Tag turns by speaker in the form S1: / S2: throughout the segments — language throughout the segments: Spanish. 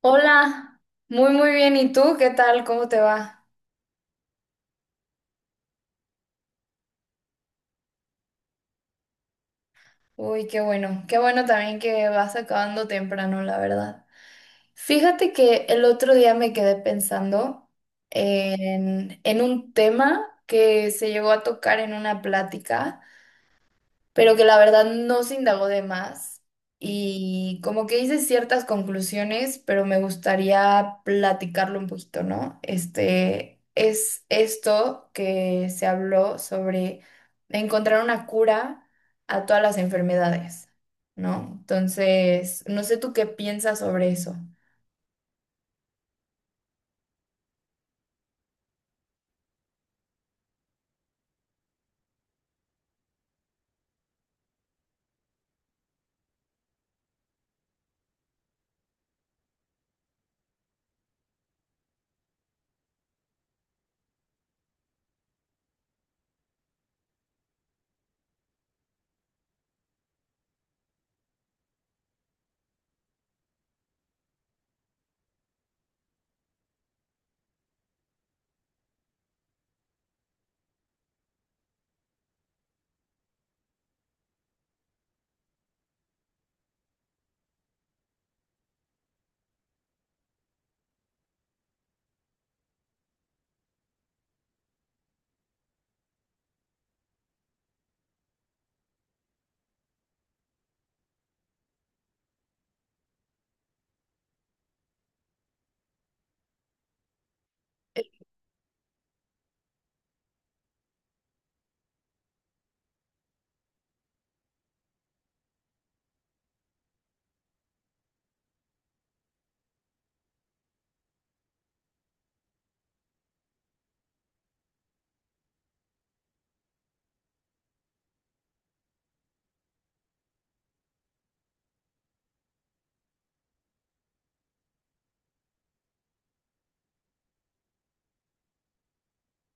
S1: Hola, muy muy bien. ¿Y tú qué tal? ¿Cómo te va? Uy, qué bueno. Qué bueno también que vas acabando temprano, la verdad. Fíjate que el otro día me quedé pensando en un tema que se llegó a tocar en una plática, pero que la verdad no se indagó de más y como que hice ciertas conclusiones, pero me gustaría platicarlo un poquito, ¿no? Este es esto que se habló sobre encontrar una cura a todas las enfermedades, ¿no? Entonces, no sé tú qué piensas sobre eso.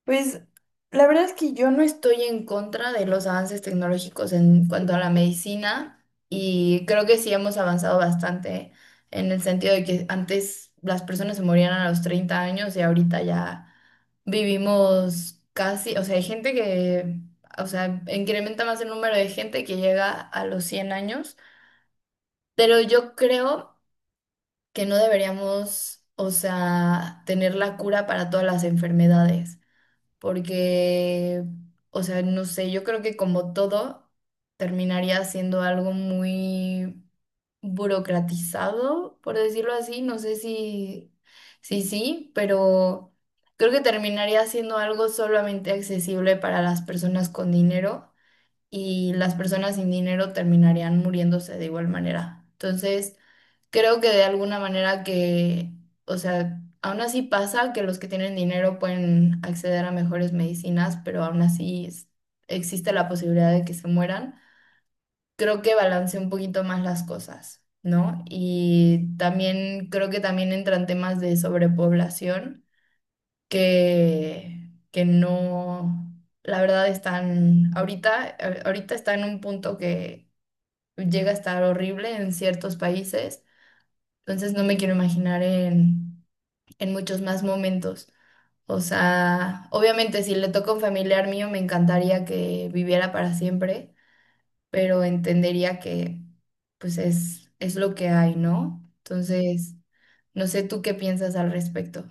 S1: Pues la verdad es que yo no estoy en contra de los avances tecnológicos en cuanto a la medicina y creo que sí hemos avanzado bastante en el sentido de que antes las personas se morían a los 30 años y ahorita ya vivimos casi, o sea, hay gente que, o sea, incrementa más el número de gente que llega a los 100 años, pero yo creo que no deberíamos, o sea, tener la cura para todas las enfermedades porque, o sea, no sé, yo creo que como todo terminaría siendo algo muy burocratizado, por decirlo así. No sé si, si sí, pero creo que terminaría siendo algo solamente accesible para las personas con dinero y las personas sin dinero terminarían muriéndose de igual manera. Entonces, creo que de alguna manera que, o sea, aún así pasa que los que tienen dinero pueden acceder a mejores medicinas, pero aún así existe la posibilidad de que se mueran. Creo que balancea un poquito más las cosas, ¿no? Y también creo que también entran temas de sobrepoblación que no, la verdad están, ahorita, ahorita está en un punto que llega a estar horrible en ciertos países, entonces no me quiero imaginar en muchos más momentos. O sea, obviamente si le toca a un familiar mío me encantaría que viviera para siempre, pero entendería que pues es lo que hay, ¿no? Entonces, no sé tú qué piensas al respecto.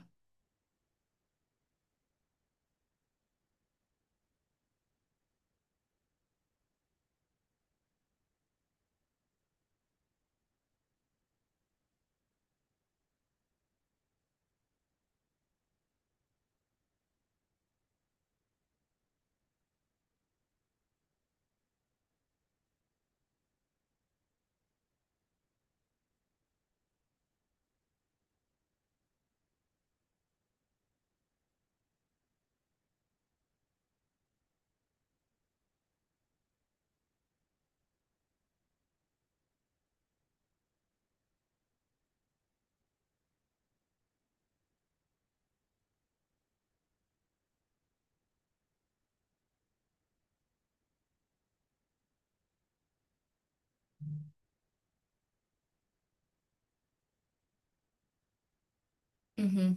S1: Ujú.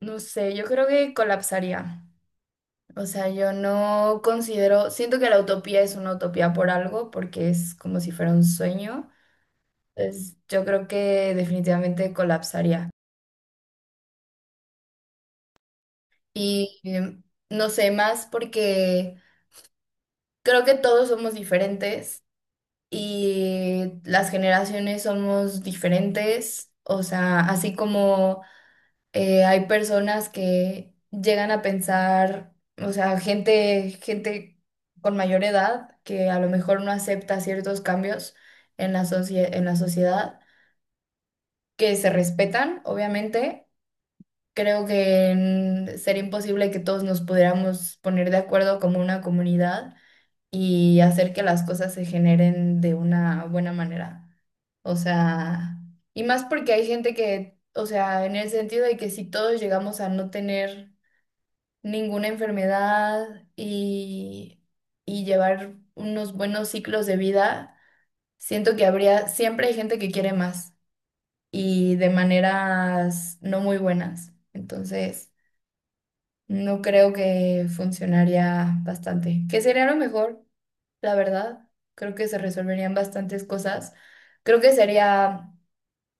S1: No sé, yo creo que colapsaría. O sea, yo no considero, siento que la utopía es una utopía por algo, porque es como si fuera un sueño. Entonces, yo creo que definitivamente colapsaría. Y no sé, más porque creo que todos somos diferentes y las generaciones somos diferentes. O sea, así como hay personas que llegan a pensar, o sea, gente con mayor edad que a lo mejor no acepta ciertos cambios en la en la sociedad, que se respetan, obviamente. Creo que sería imposible que todos nos pudiéramos poner de acuerdo como una comunidad y hacer que las cosas se generen de una buena manera. O sea, y más porque hay gente que, o sea, en el sentido de que si todos llegamos a no tener ninguna enfermedad y, y llevar unos buenos ciclos de vida, siento que habría, siempre hay gente que quiere más y de maneras no muy buenas. Entonces... No creo que funcionaría bastante. Que sería lo mejor, la verdad. Creo que se resolverían bastantes cosas. Creo que sería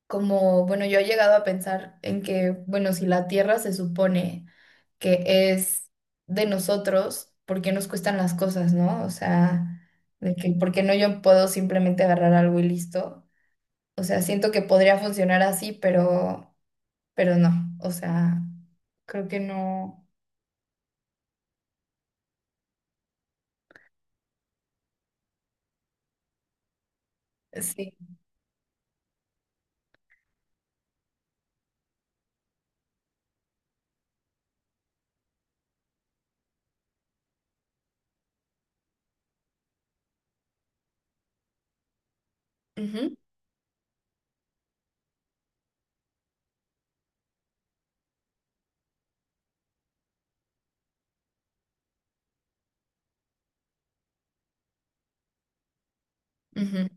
S1: como, bueno, yo he llegado a pensar en que, bueno, si la Tierra se supone que es de nosotros, ¿por qué nos cuestan las cosas, no? O sea, de que, ¿por qué no yo puedo simplemente agarrar algo y listo? O sea, siento que podría funcionar así, pero no. O sea, creo que no. Sí. Ujú. Ujú.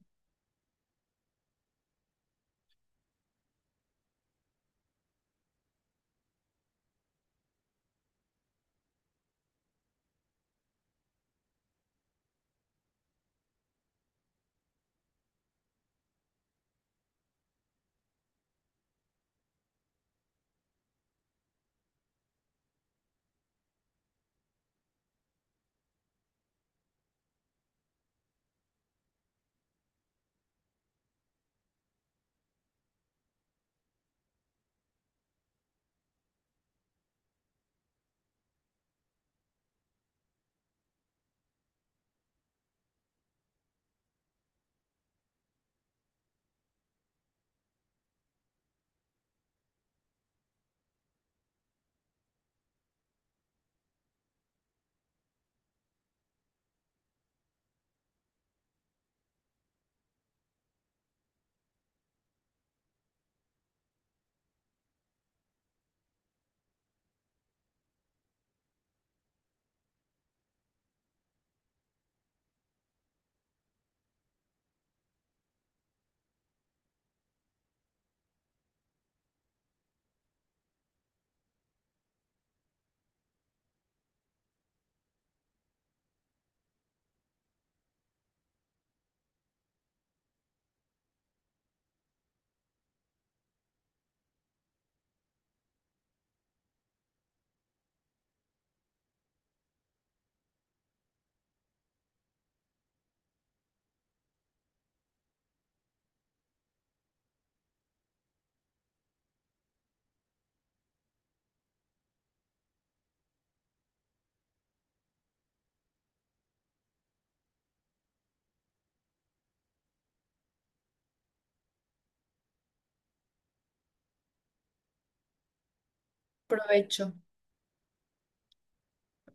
S1: Provecho.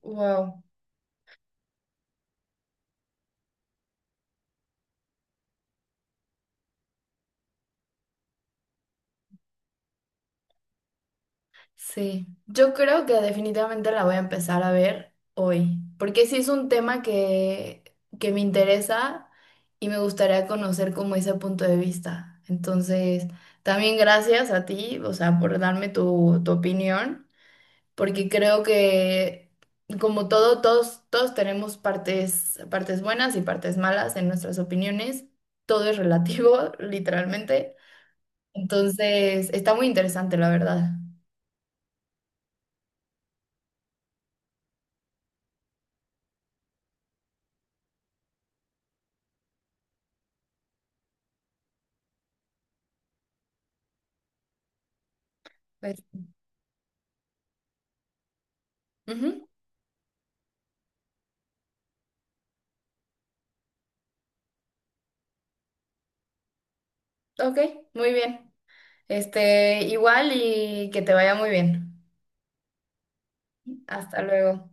S1: Wow. Sí. Yo creo que definitivamente la voy a empezar a ver hoy, porque sí es un tema que me interesa y me gustaría conocer como ese punto de vista. Entonces, también gracias a ti, o sea, por darme tu, tu opinión, porque creo que como todo, todos, todos tenemos partes, partes buenas y partes malas en nuestras opiniones. Todo es relativo, literalmente. Entonces, está muy interesante, la verdad. Pues, ujú, ok, muy bien. Este, igual y que te vaya muy bien. Hasta luego.